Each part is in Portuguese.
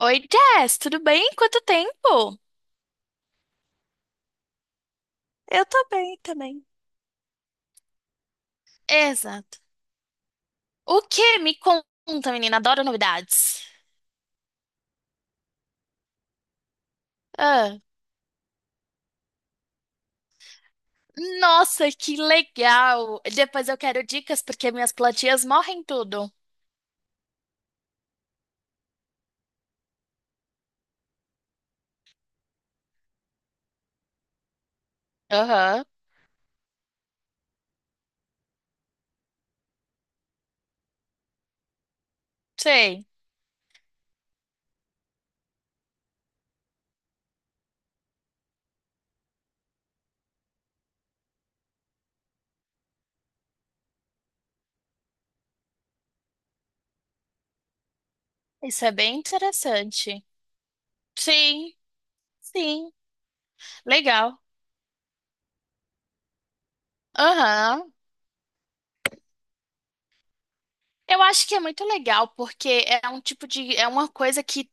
Oi, Jess, tudo bem? Quanto tempo? Eu tô bem também. Exato. O que? Me conta, menina. Adoro novidades. Ah, nossa, que legal. Depois eu quero dicas porque minhas plantinhas morrem tudo. Aham, sei. Isso é bem interessante. Sim, sim. Legal. Aham. Eu acho que é muito legal, porque é um tipo de, é uma coisa que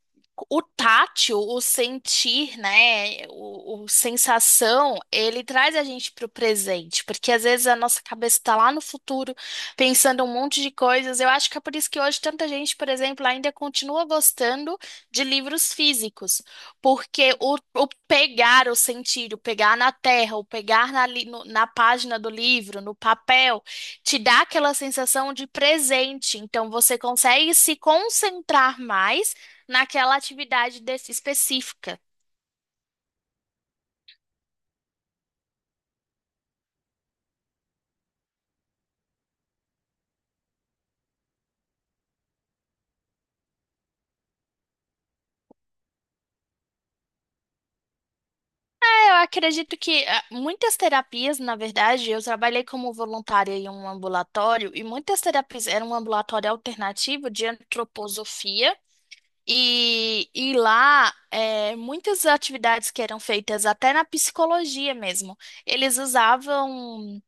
o tátil, o sentir, né, o sensação, ele traz a gente para o presente, porque às vezes a nossa cabeça está lá no futuro, pensando um monte de coisas. Eu acho que é por isso que hoje tanta gente, por exemplo, ainda continua gostando de livros físicos, porque o pegar, o sentir, o pegar na terra, o pegar na página do livro, no papel, te dá aquela sensação de presente. Então, você consegue se concentrar mais naquela atividade específica. É, eu acredito que muitas terapias, na verdade, eu trabalhei como voluntária em um ambulatório e muitas terapias era um ambulatório alternativo de antroposofia. E lá, muitas atividades que eram feitas até na psicologia mesmo, eles usavam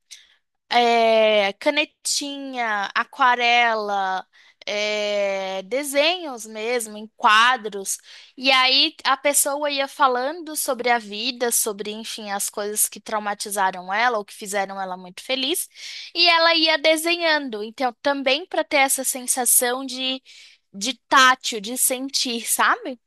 canetinha, aquarela, desenhos mesmo, em quadros. E aí a pessoa ia falando sobre a vida, sobre, enfim, as coisas que traumatizaram ela ou que fizeram ela muito feliz, e ela ia desenhando. Então, também para ter essa sensação de tátil, de sentir, sabe?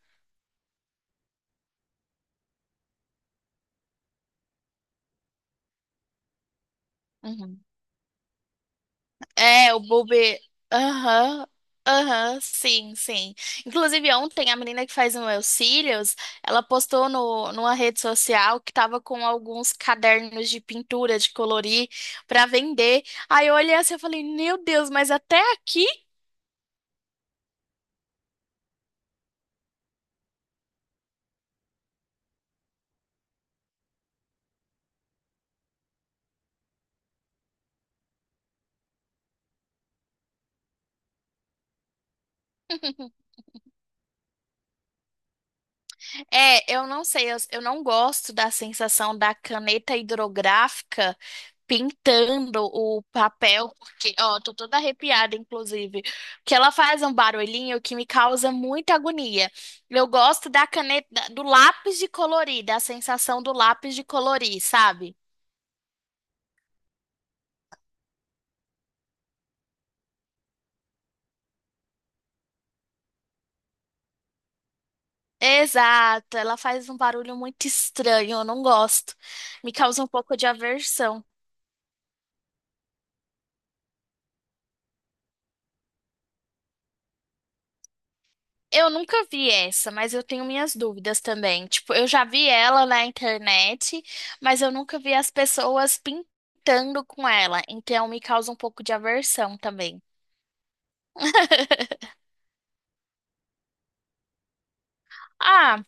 Uhum. É, o Bobe. Aham. Aham, sim, sim. Inclusive, ontem a menina que faz o meu cílios, ela postou no, numa rede social que tava com alguns cadernos de pintura, de colorir, pra vender. Aí eu olhei assim e falei, meu Deus, mas até aqui? É, eu não sei, eu não gosto da sensação da caneta hidrográfica pintando o papel, porque, ó, tô toda arrepiada, inclusive, que ela faz um barulhinho que me causa muita agonia. Eu gosto da caneta, do lápis de colorir, da sensação do lápis de colorir, sabe? Exato, ela faz um barulho muito estranho, eu não gosto. Me causa um pouco de aversão. Eu nunca vi essa, mas eu tenho minhas dúvidas também. Tipo, eu já vi ela na internet, mas eu nunca vi as pessoas pintando com ela. Então me causa um pouco de aversão também. Ah,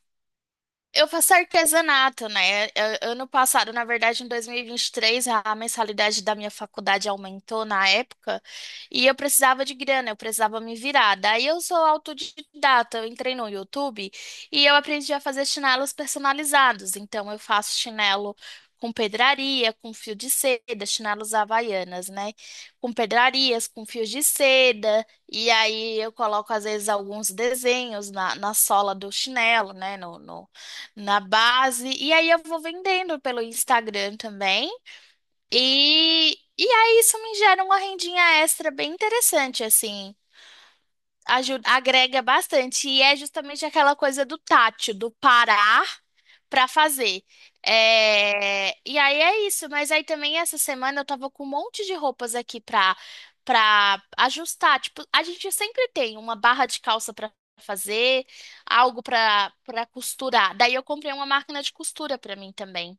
eu faço artesanato, né? Ano passado, na verdade, em dois mil e vinte e três, a mensalidade da minha faculdade aumentou na época e eu precisava de grana, eu precisava me virar. Daí eu sou autodidata, eu entrei no YouTube e eu aprendi a fazer chinelos personalizados. Então eu faço chinelo com pedraria, com fio de seda, chinelos havaianas, né? Com pedrarias, com fios de seda. E aí eu coloco, às vezes, alguns desenhos na sola do chinelo, né? Na base. E aí eu vou vendendo pelo Instagram também. E, e aí isso me gera uma rendinha extra bem interessante, assim. Ajuda, agrega bastante. E é justamente aquela coisa do tátil, do parar para fazer. É, e aí é isso, mas aí também essa semana eu tava com um monte de roupas aqui pra ajustar. Tipo, a gente sempre tem uma barra de calça pra fazer, algo pra costurar. Daí eu comprei uma máquina de costura pra mim também.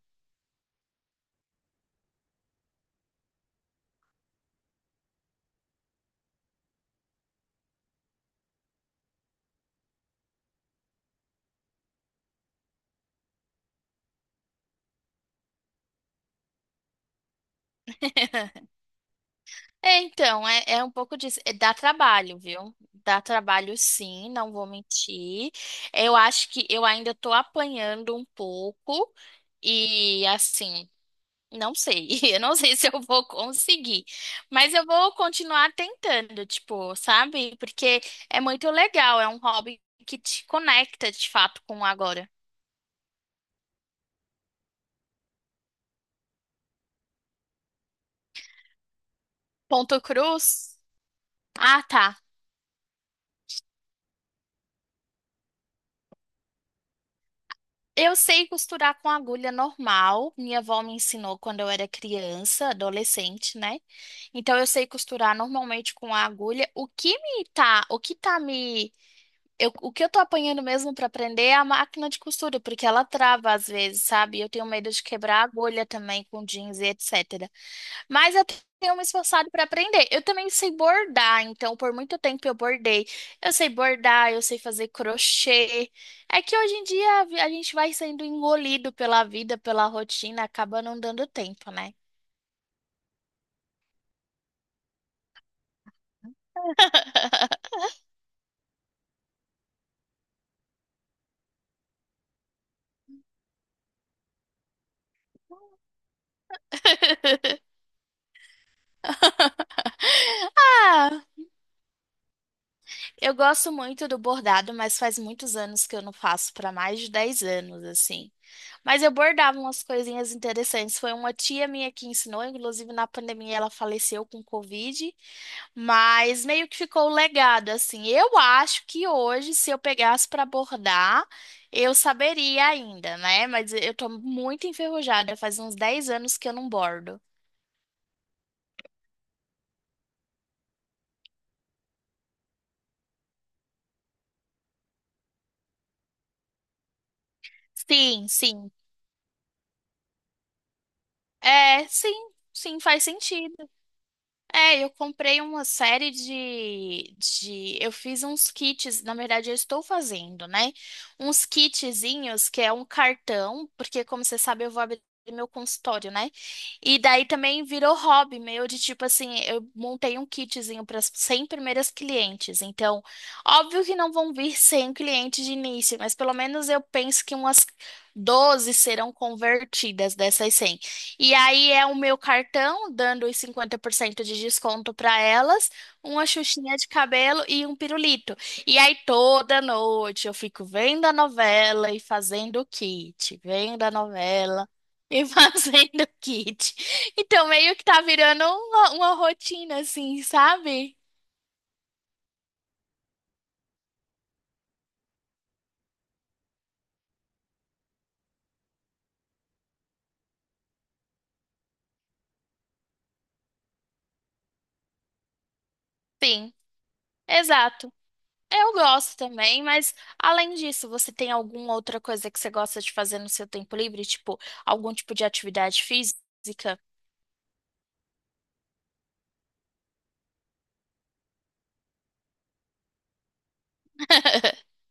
É, então, é um pouco disso. É, dá trabalho, viu? Dá trabalho, sim, não vou mentir. Eu acho que eu ainda tô apanhando um pouco. E assim. Não sei, eu não sei se eu vou conseguir, mas eu vou continuar tentando, tipo, sabe? Porque é muito legal, é um hobby que te conecta de fato com o agora. Ponto cruz? Ah, tá. Eu sei costurar com agulha normal, minha avó me ensinou quando eu era criança, adolescente, né? Então eu sei costurar normalmente com a agulha. O que me tá, o que tá me O que eu tô apanhando mesmo pra aprender é a máquina de costura, porque ela trava às vezes, sabe? Eu tenho medo de quebrar a agulha também com jeans e etc. Mas eu tenho me esforçado pra aprender. Eu também sei bordar, então por muito tempo eu bordei. Eu sei bordar, eu sei fazer crochê. É que hoje em dia a gente vai sendo engolido pela vida, pela rotina, acaba não dando tempo, né? Ah! Eu gosto muito do bordado, mas faz muitos anos que eu não faço, para mais de 10 anos, assim. Mas eu bordava umas coisinhas interessantes. Foi uma tia minha que ensinou, inclusive na pandemia ela faleceu com Covid, mas meio que ficou o legado, assim. Eu acho que hoje, se eu pegasse para bordar, eu saberia ainda, né? Mas eu tô muito enferrujada, faz uns 10 anos que eu não bordo. Sim, sim. É, sim, sim, faz sentido. É, eu comprei uma série de. Eu fiz uns kits, na verdade, eu estou fazendo, né? Uns kitzinhos que é um cartão, porque, como você sabe, eu vou abrir meu consultório, né? E daí também virou hobby meu de tipo assim, eu montei um kitzinho para as 100 primeiras clientes. Então, óbvio que não vão vir 100 clientes de início, mas pelo menos eu penso que umas 12 serão convertidas dessas 100. E aí é o meu cartão dando os 50% de desconto para elas, uma xuxinha de cabelo e um pirulito. E aí toda noite eu fico vendo a novela e fazendo o kit, vendo a novela e fazendo o kit. Então meio que tá virando uma rotina assim, sabe? Sim, exato. Eu gosto também, mas além disso, você tem alguma outra coisa que você gosta de fazer no seu tempo livre? Tipo, algum tipo de atividade física?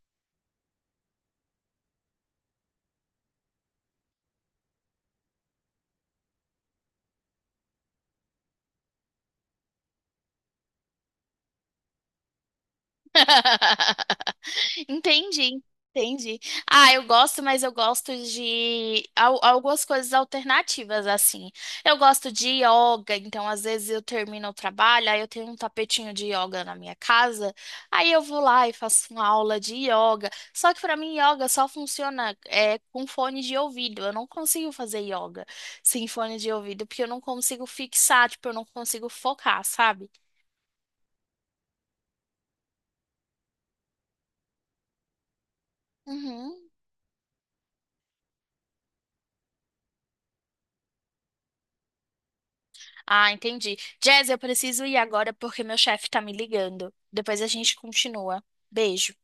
Entendi, entendi. Ah, eu gosto, mas eu gosto de algumas coisas alternativas, assim. Eu gosto de yoga, então às vezes eu termino o trabalho, aí eu tenho um tapetinho de yoga na minha casa, aí eu vou lá e faço uma aula de yoga. Só que pra mim, yoga só funciona com fone de ouvido. Eu não consigo fazer yoga sem fone de ouvido, porque eu não consigo fixar, tipo, eu não consigo focar, sabe? Uhum. Ah, entendi. Jazz, eu preciso ir agora porque meu chefe tá me ligando. Depois a gente continua. Beijo.